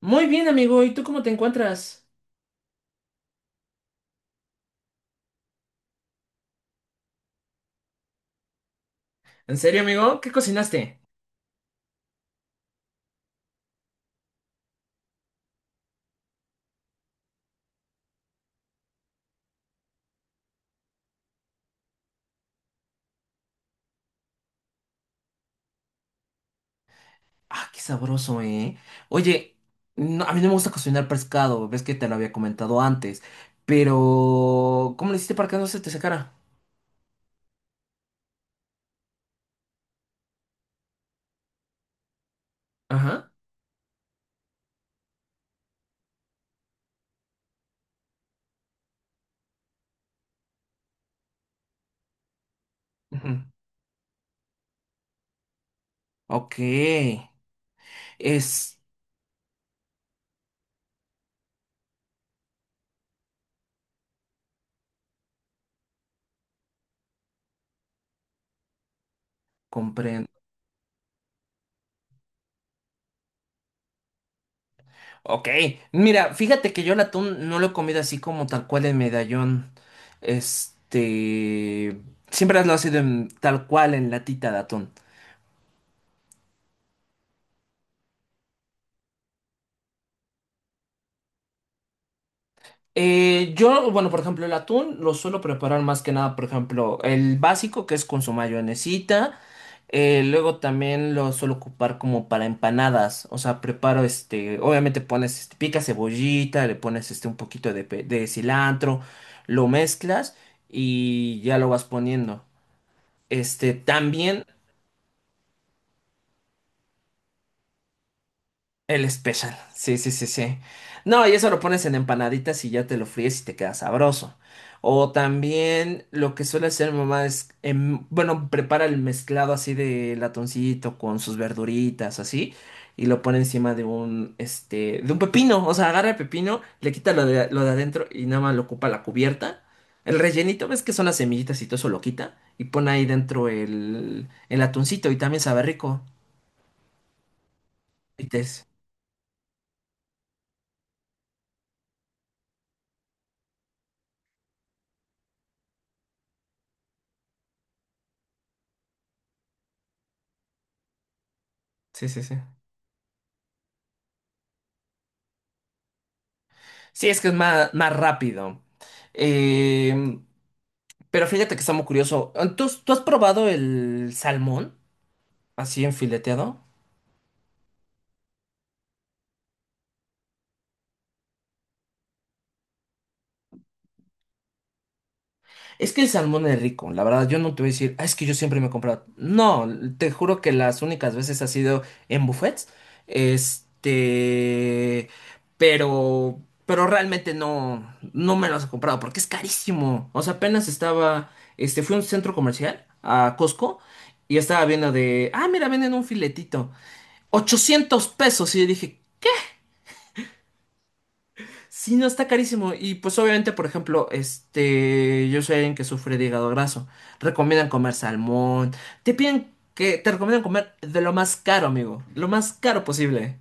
Muy bien, amigo. ¿Y tú cómo te encuentras? ¿En serio, amigo? ¿Qué cocinaste? Ah, qué sabroso, ¿eh? Oye, a mí no me gusta cocinar pescado, ves que te lo había comentado antes, pero ¿cómo le hiciste para que no se te secara? Ajá. Ujú. Ok. Es... Comprendo. Ok. Mira, fíjate que yo el atún no lo he comido así como tal cual en medallón. Este... Siempre lo ha sido tal cual en latita de atún. Bueno, por ejemplo, el atún lo suelo preparar más que nada, por ejemplo, el básico que es con su mayonesita. Luego también lo suelo ocupar como para empanadas. O sea, preparo obviamente pones, picas cebollita, le pones este un poquito de, de cilantro, lo mezclas y ya lo vas poniendo. Este, también. El especial, sí, sí, sí, sí. No, y eso lo pones en empanaditas y ya te lo fríes y te queda sabroso. O también lo que suele hacer mi mamá es, bueno, prepara el mezclado así de latoncito con sus verduritas, así, y lo pone encima de un, este, de un pepino. O sea, agarra el pepino, le quita lo de adentro y nada más lo ocupa la cubierta. El rellenito, ves que son las semillitas y todo eso lo quita y pone ahí dentro el atuncito y también sabe rico. Y te- Sí, sí, sí. Sí, es que es más, más rápido. Eh, pero fíjate que está muy curioso. ¿Tú has probado el salmón así enfileteado? Es que el salmón es rico, la verdad. Yo no te voy a decir, "Ah, es que yo siempre me he comprado". No, te juro que las únicas veces ha sido en buffets. Este. Pero. Pero realmente no. No me los he comprado porque es carísimo. O sea, apenas estaba. Este, fui a un centro comercial, a Costco, y estaba viendo de. Ah, mira, venden un filetito. 800 pesos. Y yo dije, sí, no, está carísimo. Y pues obviamente, por ejemplo, yo soy alguien que sufre de hígado graso. Recomiendan comer salmón. Te piden que te recomiendan comer de lo más caro, amigo. Lo más caro posible.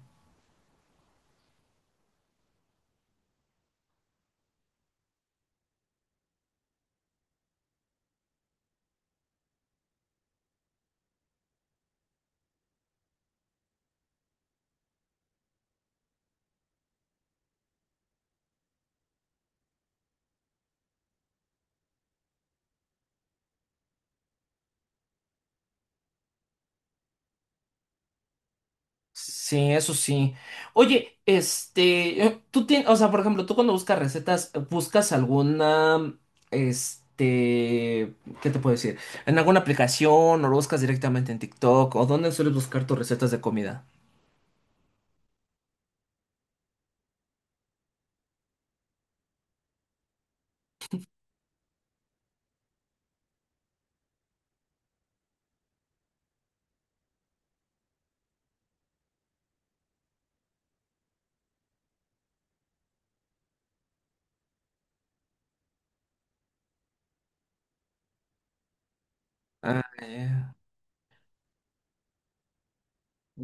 Sí, eso sí. Oye, tú tienes, o sea, por ejemplo, tú cuando buscas recetas, buscas alguna, este, ¿qué te puedo decir? ¿En alguna aplicación o lo buscas directamente en TikTok? ¿O dónde sueles buscar tus recetas de comida? Ah, ya.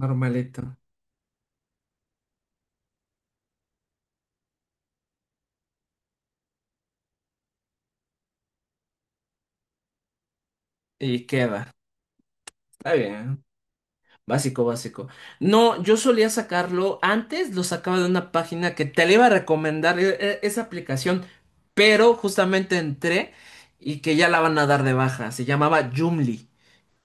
Normalito. Y queda. Está bien. Básico, básico. No, yo solía sacarlo. Antes lo sacaba de una página que te le iba a recomendar esa aplicación. Pero justamente entré y que ya la van a dar de baja. Se llamaba Joomla,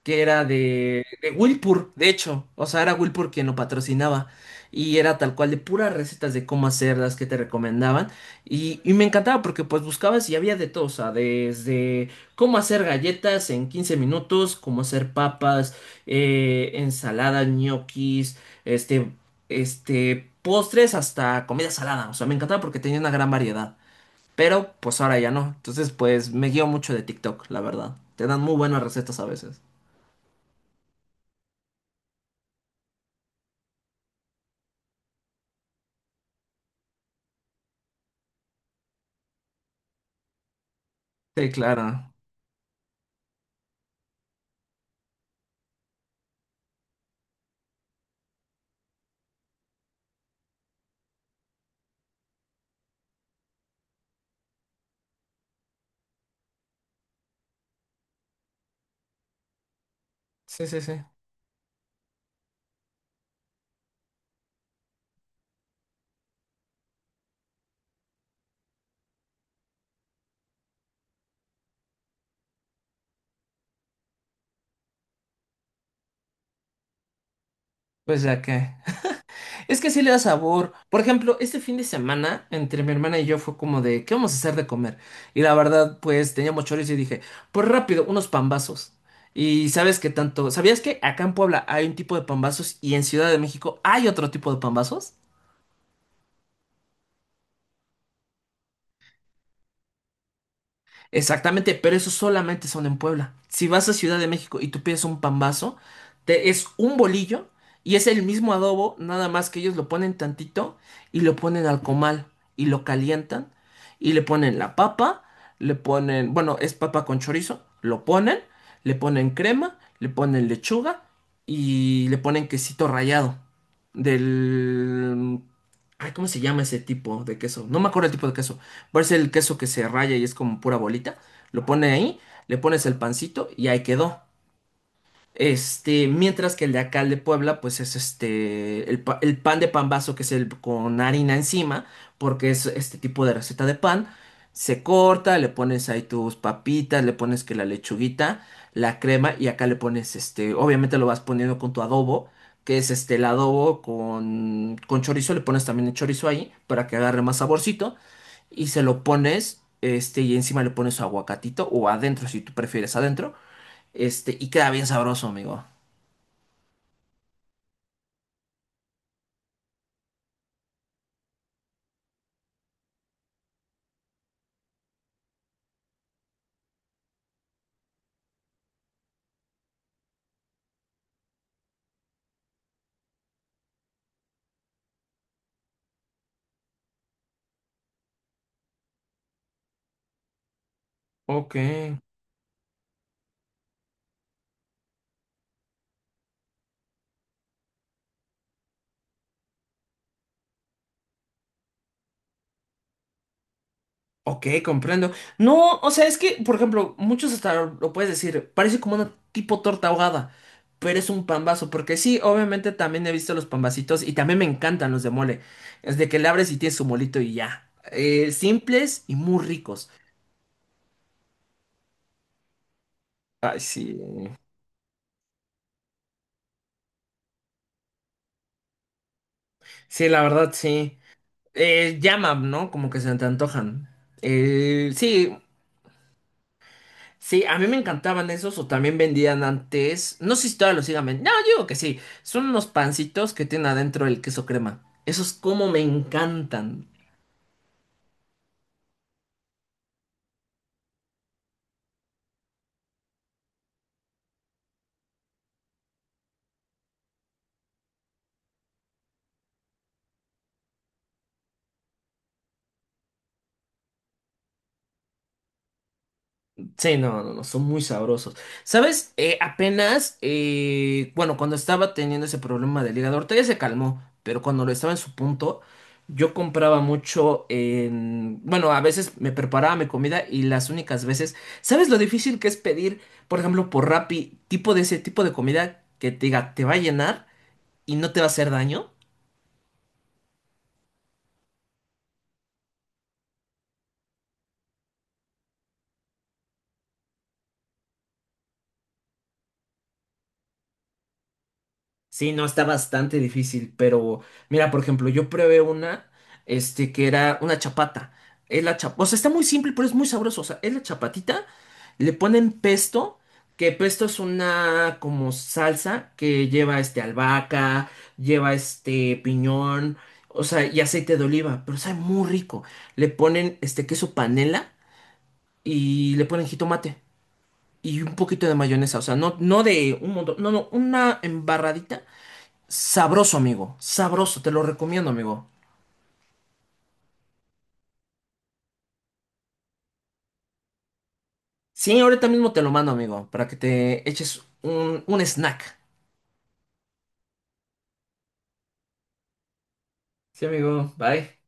que era de Wilpur, de hecho. O sea, era Wilpur quien lo patrocinaba. Y era tal cual de puras recetas de cómo hacerlas que te recomendaban. Y me encantaba porque pues buscabas y había de todo. O sea, desde cómo hacer galletas en 15 minutos, cómo hacer papas, ensaladas, ñoquis, este, postres hasta comida salada. O sea, me encantaba porque tenía una gran variedad. Pero pues ahora ya no. Entonces pues me guío mucho de TikTok, la verdad. Te dan muy buenas recetas a veces. Sí, claro. Sí, sí, sí. Pues ya que. Es que sí le da sabor. Por ejemplo, este fin de semana, entre mi hermana y yo, fue como de, ¿qué vamos a hacer de comer? Y la verdad, pues teníamos chorizo y dije, pues rápido, unos pambazos. Y sabes que tanto. ¿Sabías que acá en Puebla hay un tipo de pambazos y en Ciudad de México hay otro tipo de pambazos? Exactamente, pero esos solamente son en Puebla. Si vas a Ciudad de México y tú pides un pambazo, es un bolillo y es el mismo adobo, nada más que ellos lo ponen tantito y lo ponen al comal y lo calientan y le ponen la papa, le ponen, bueno, es papa con chorizo, lo ponen, le ponen crema, le ponen lechuga y le ponen quesito rallado del... Ay, ¿cómo se llama ese tipo de queso? No me acuerdo el tipo de queso, parece el queso que se raya y es como pura bolita, lo pone ahí, le pones el pancito y ahí quedó. Este, mientras que el de acá, el de Puebla, pues es el pan de pambazo, que es el con harina encima, porque es este tipo de receta de pan. Se corta, le pones ahí tus papitas, le pones que la lechuguita, la crema, y acá le pones obviamente lo vas poniendo con tu adobo, que es el adobo con chorizo, le pones también el chorizo ahí, para que agarre más saborcito, y se lo pones, y encima le pones su aguacatito, o adentro, si tú prefieres adentro. Este, y queda bien sabroso, amigo. Ok, ok, comprendo. No, o sea, es que, por ejemplo, muchos hasta lo puedes decir, parece como una tipo torta ahogada, pero es un pambazo, porque sí, obviamente también he visto los pambacitos y también me encantan los de mole. Es de que le abres y tienes su molito y ya. Simples y muy ricos. Ay, sí. Sí, la verdad, sí. Llama, ¿no? Como que se te antojan. Sí. Sí, a mí me encantaban esos o también vendían antes. No sé si todavía los sigan vendiendo. No, yo digo que sí. Son unos pancitos que tienen adentro el queso crema. Esos como me encantan. Sí, no, no, no, son muy sabrosos. ¿Sabes? Bueno, cuando estaba teniendo ese problema del hígado, ahorita ya se calmó, pero cuando lo estaba en su punto, yo compraba mucho en, bueno, a veces me preparaba mi comida y las únicas veces, ¿sabes lo difícil que es pedir, por ejemplo, por Rappi, tipo de ese tipo de comida que te diga, te va a llenar y no te va a hacer daño? Sí, no, está bastante difícil, pero mira, por ejemplo, yo probé una, que era una chapata. Es la o sea, está muy simple, pero es muy sabroso. O sea, es la chapatita, le ponen pesto, que pesto es una como salsa que lleva este albahaca, lleva este piñón, o sea, y aceite de oliva, pero sabe muy rico. Le ponen este queso panela y le ponen jitomate y un poquito de mayonesa, o sea, no, no de un montón, no, no, una embarradita. Sabroso, amigo. Sabroso, te lo recomiendo, amigo. Sí, ahorita mismo te lo mando, amigo, para que te eches un snack. Sí, amigo, bye.